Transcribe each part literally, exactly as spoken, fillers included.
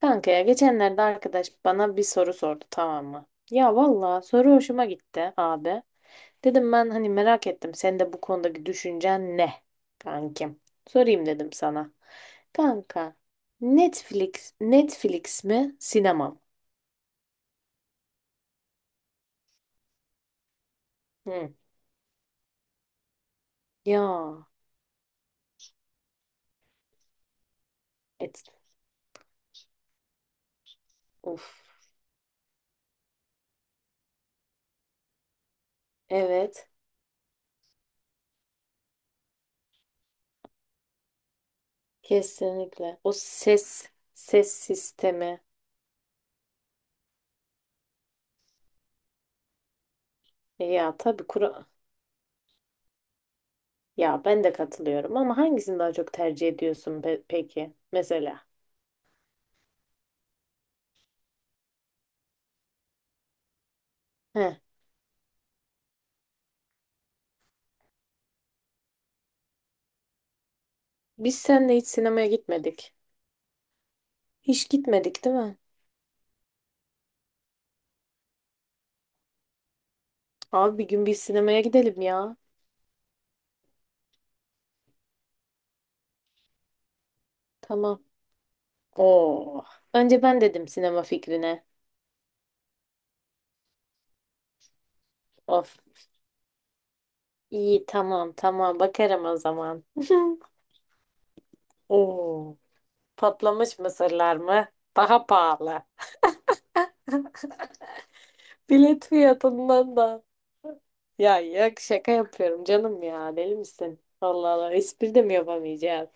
Kanka ya geçenlerde arkadaş bana bir soru sordu tamam mı? Ya valla soru hoşuma gitti abi. Dedim ben hani merak ettim senin de bu konudaki düşüncen ne kankim? Sorayım dedim sana. Kanka Netflix Netflix mi sinema mı? Hı. Ya et, uf evet kesinlikle o ses ses sistemi ya tabii kura ya ben de katılıyorum ama hangisini daha çok tercih ediyorsun pe- peki mesela? Heh. Biz seninle hiç sinemaya gitmedik. Hiç gitmedik değil mi? Abi bir gün bir sinemaya gidelim ya. Tamam. Oo. Önce ben dedim sinema fikrine. Of. İyi tamam tamam bakarım o zaman. Oo. Patlamış mısırlar mı? Daha pahalı. Bilet fiyatından da. Ya yok şaka yapıyorum canım ya. Deli misin? Allah Allah espri de mi yapamayacağız?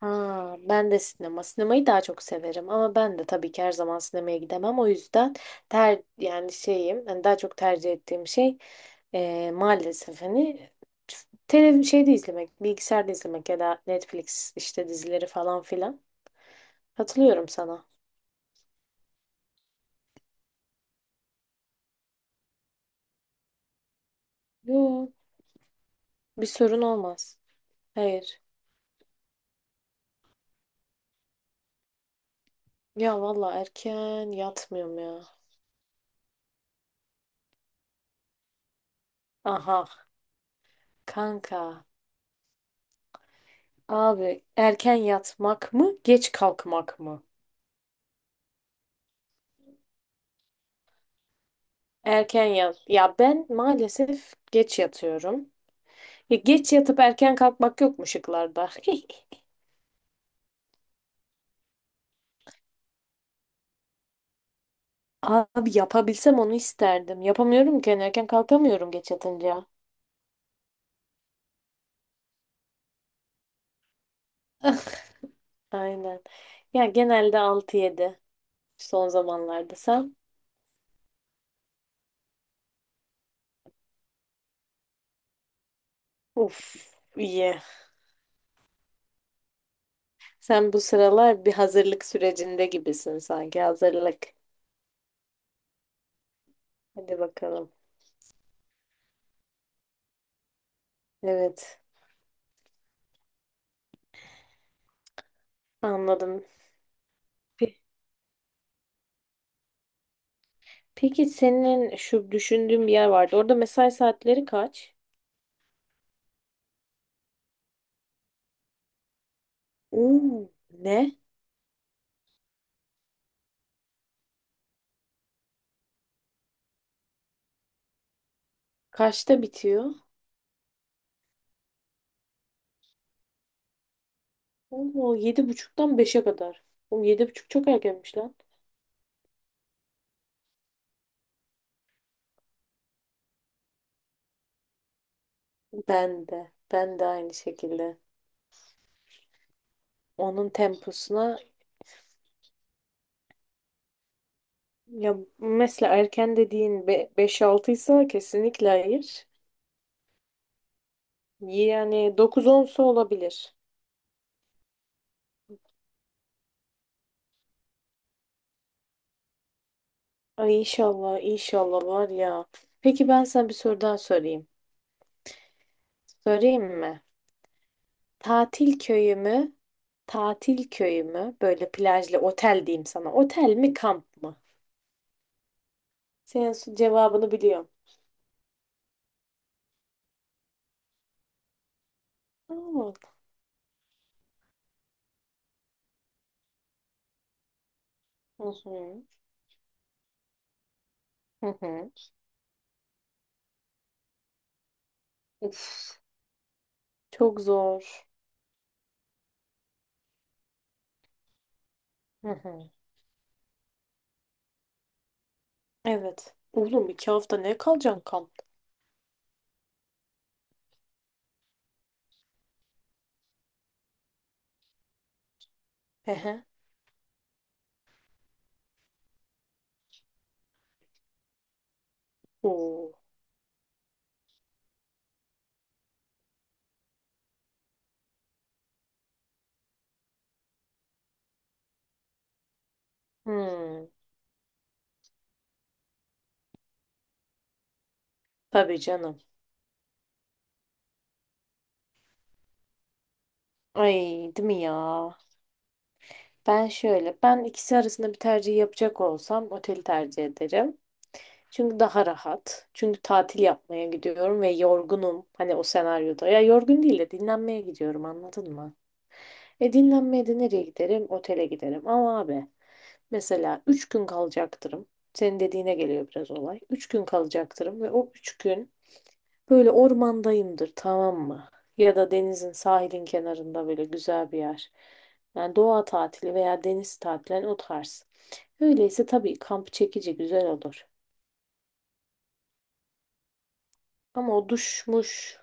Ha, ben de sinema. Sinemayı daha çok severim ama ben de tabii ki her zaman sinemaya gidemem. O yüzden ter yani şeyim hani daha çok tercih ettiğim şey e, maalesef hani televizyon şeyde izlemek, bilgisayarda izlemek ya da Netflix işte dizileri falan filan. Katılıyorum sana. Yo, bir sorun olmaz. Hayır. Ya valla erken yatmıyorum ya. Aha kanka. Abi erken yatmak mı, geç kalkmak mı? Erken yat. Ya ben maalesef geç yatıyorum. Ya geç yatıp erken kalkmak yok mu şıklarda? Abi yapabilsem onu isterdim. Yapamıyorum ki. Yani erken kalkamıyorum geç yatınca. Aynen. Ya genelde altı yedi. Son zamanlarda sen. Uf iyi. Sen bu sıralar bir hazırlık sürecinde gibisin sanki. Hazırlık. Hadi bakalım. Evet. Anladım. Pe- Peki senin şu düşündüğün bir yer vardı. Orada mesai saatleri kaç? Oo, ne? Kaçta bitiyor? Oo, yedi buçuktan beşe kadar. Oğlum yedi buçuk çok erkenmiş lan. Ben de. Ben de aynı şekilde. Onun temposuna ya mesela erken dediğin beş altı ise kesinlikle hayır. Yani dokuz onsa olabilir. Ay inşallah inşallah var ya. Peki ben sana bir soru daha sorayım. Sorayım mı? Tatil köyü mü? Tatil köyü mü? Böyle plajlı otel diyeyim sana. Otel mi kamp mı? Senin su- cevabını biliyorum. Aa, hı hı. Hı hı. Uf. Çok zor. Hı hı. Evet. Oğlum iki hafta ne kalacaksın kampta? Hı hı. Oo, hmm, tabii canım. Ay, değil mi ya? Ben şöyle, ben ikisi arasında bir tercih yapacak olsam oteli tercih ederim. Çünkü daha rahat. Çünkü tatil yapmaya gidiyorum ve yorgunum. Hani o senaryoda. Ya yorgun değil de dinlenmeye gidiyorum anladın mı? E dinlenmeye de nereye giderim? Otele giderim. Ama abi mesela üç gün kalacaktırım. Senin dediğine geliyor biraz olay. Üç gün kalacaktırım ve o üç gün böyle ormandayımdır tamam mı? Ya da denizin sahilin kenarında böyle güzel bir yer. Yani doğa tatili veya deniz tatili yani o tarz. Öyleyse tabii kamp çekici güzel olur. Ama o duşmuş,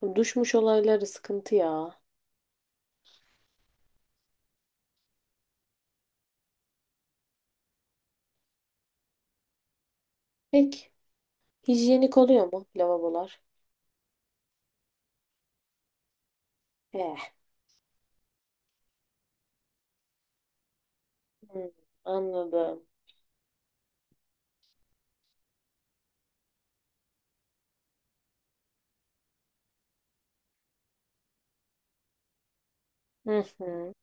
o duşmuş olayları sıkıntı ya. Peki hijyenik oluyor mu lavabolar? Eh, hmm, anladım. Hı hı.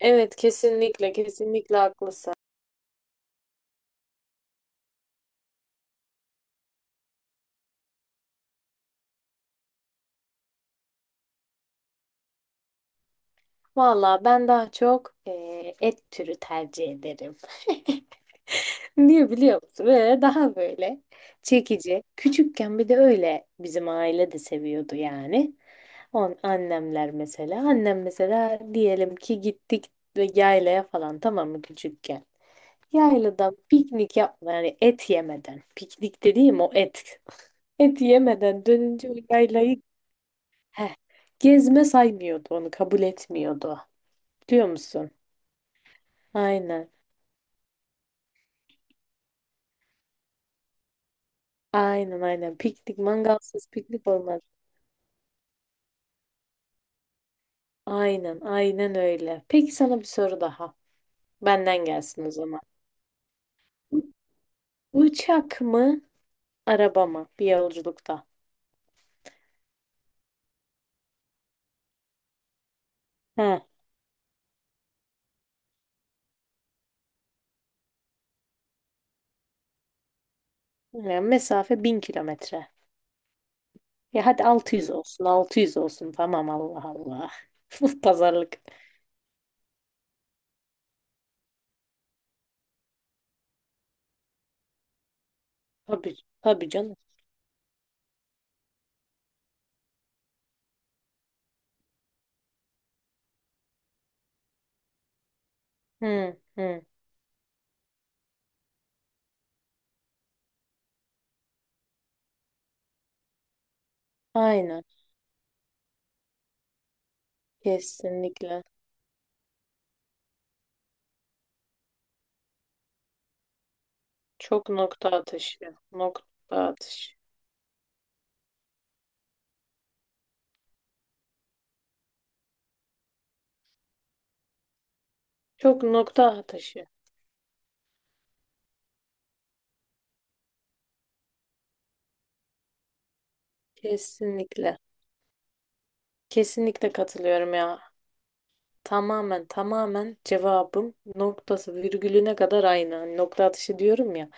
Evet kesinlikle kesinlikle haklısın. Valla ben daha çok eee, et türü tercih ederim. Niye biliyor musun? Böyle daha böyle çekici. Küçükken bir de öyle bizim aile de seviyordu yani. On, annemler mesela. Annem mesela diyelim ki gittik ve yaylaya falan tamam mı küçükken. Yaylada piknik yapma yani et yemeden. Piknik dediğim o et. Et yemeden dönünce o yaylayı... Heh. Gezme saymıyordu onu kabul etmiyordu. Biliyor musun? Aynen. Aynen aynen. Piknik mangalsız piknik olmaz. Aynen aynen öyle. Peki sana bir soru daha. Benden gelsin o zaman. Uçak mı araba mı bir yolculukta? He. Yani mesafe bin kilometre. Ya hadi altı yüz olsun altı yüz olsun tamam Allah Allah. Pazarlık. Tabii, tabii canım. Hı, hı. Aynen kesinlikle. Çok nokta atışı. Nokta atışı. Çok nokta atışı. Kesinlikle. Kesinlikle katılıyorum ya. Tamamen tamamen cevabım noktası virgülüne kadar aynı. Hani nokta atışı diyorum ya.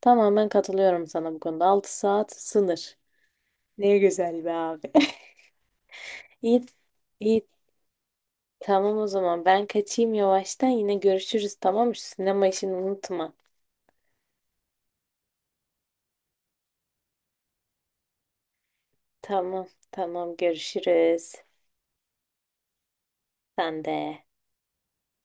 Tamamen katılıyorum sana bu konuda. Altı saat sınır. Ne güzel be abi. İyi, iyi. Tamam o zaman ben kaçayım yavaştan yine görüşürüz tamam mı? Şu sinema işini unutma. Tamam tamam görüşürüz. Sen de.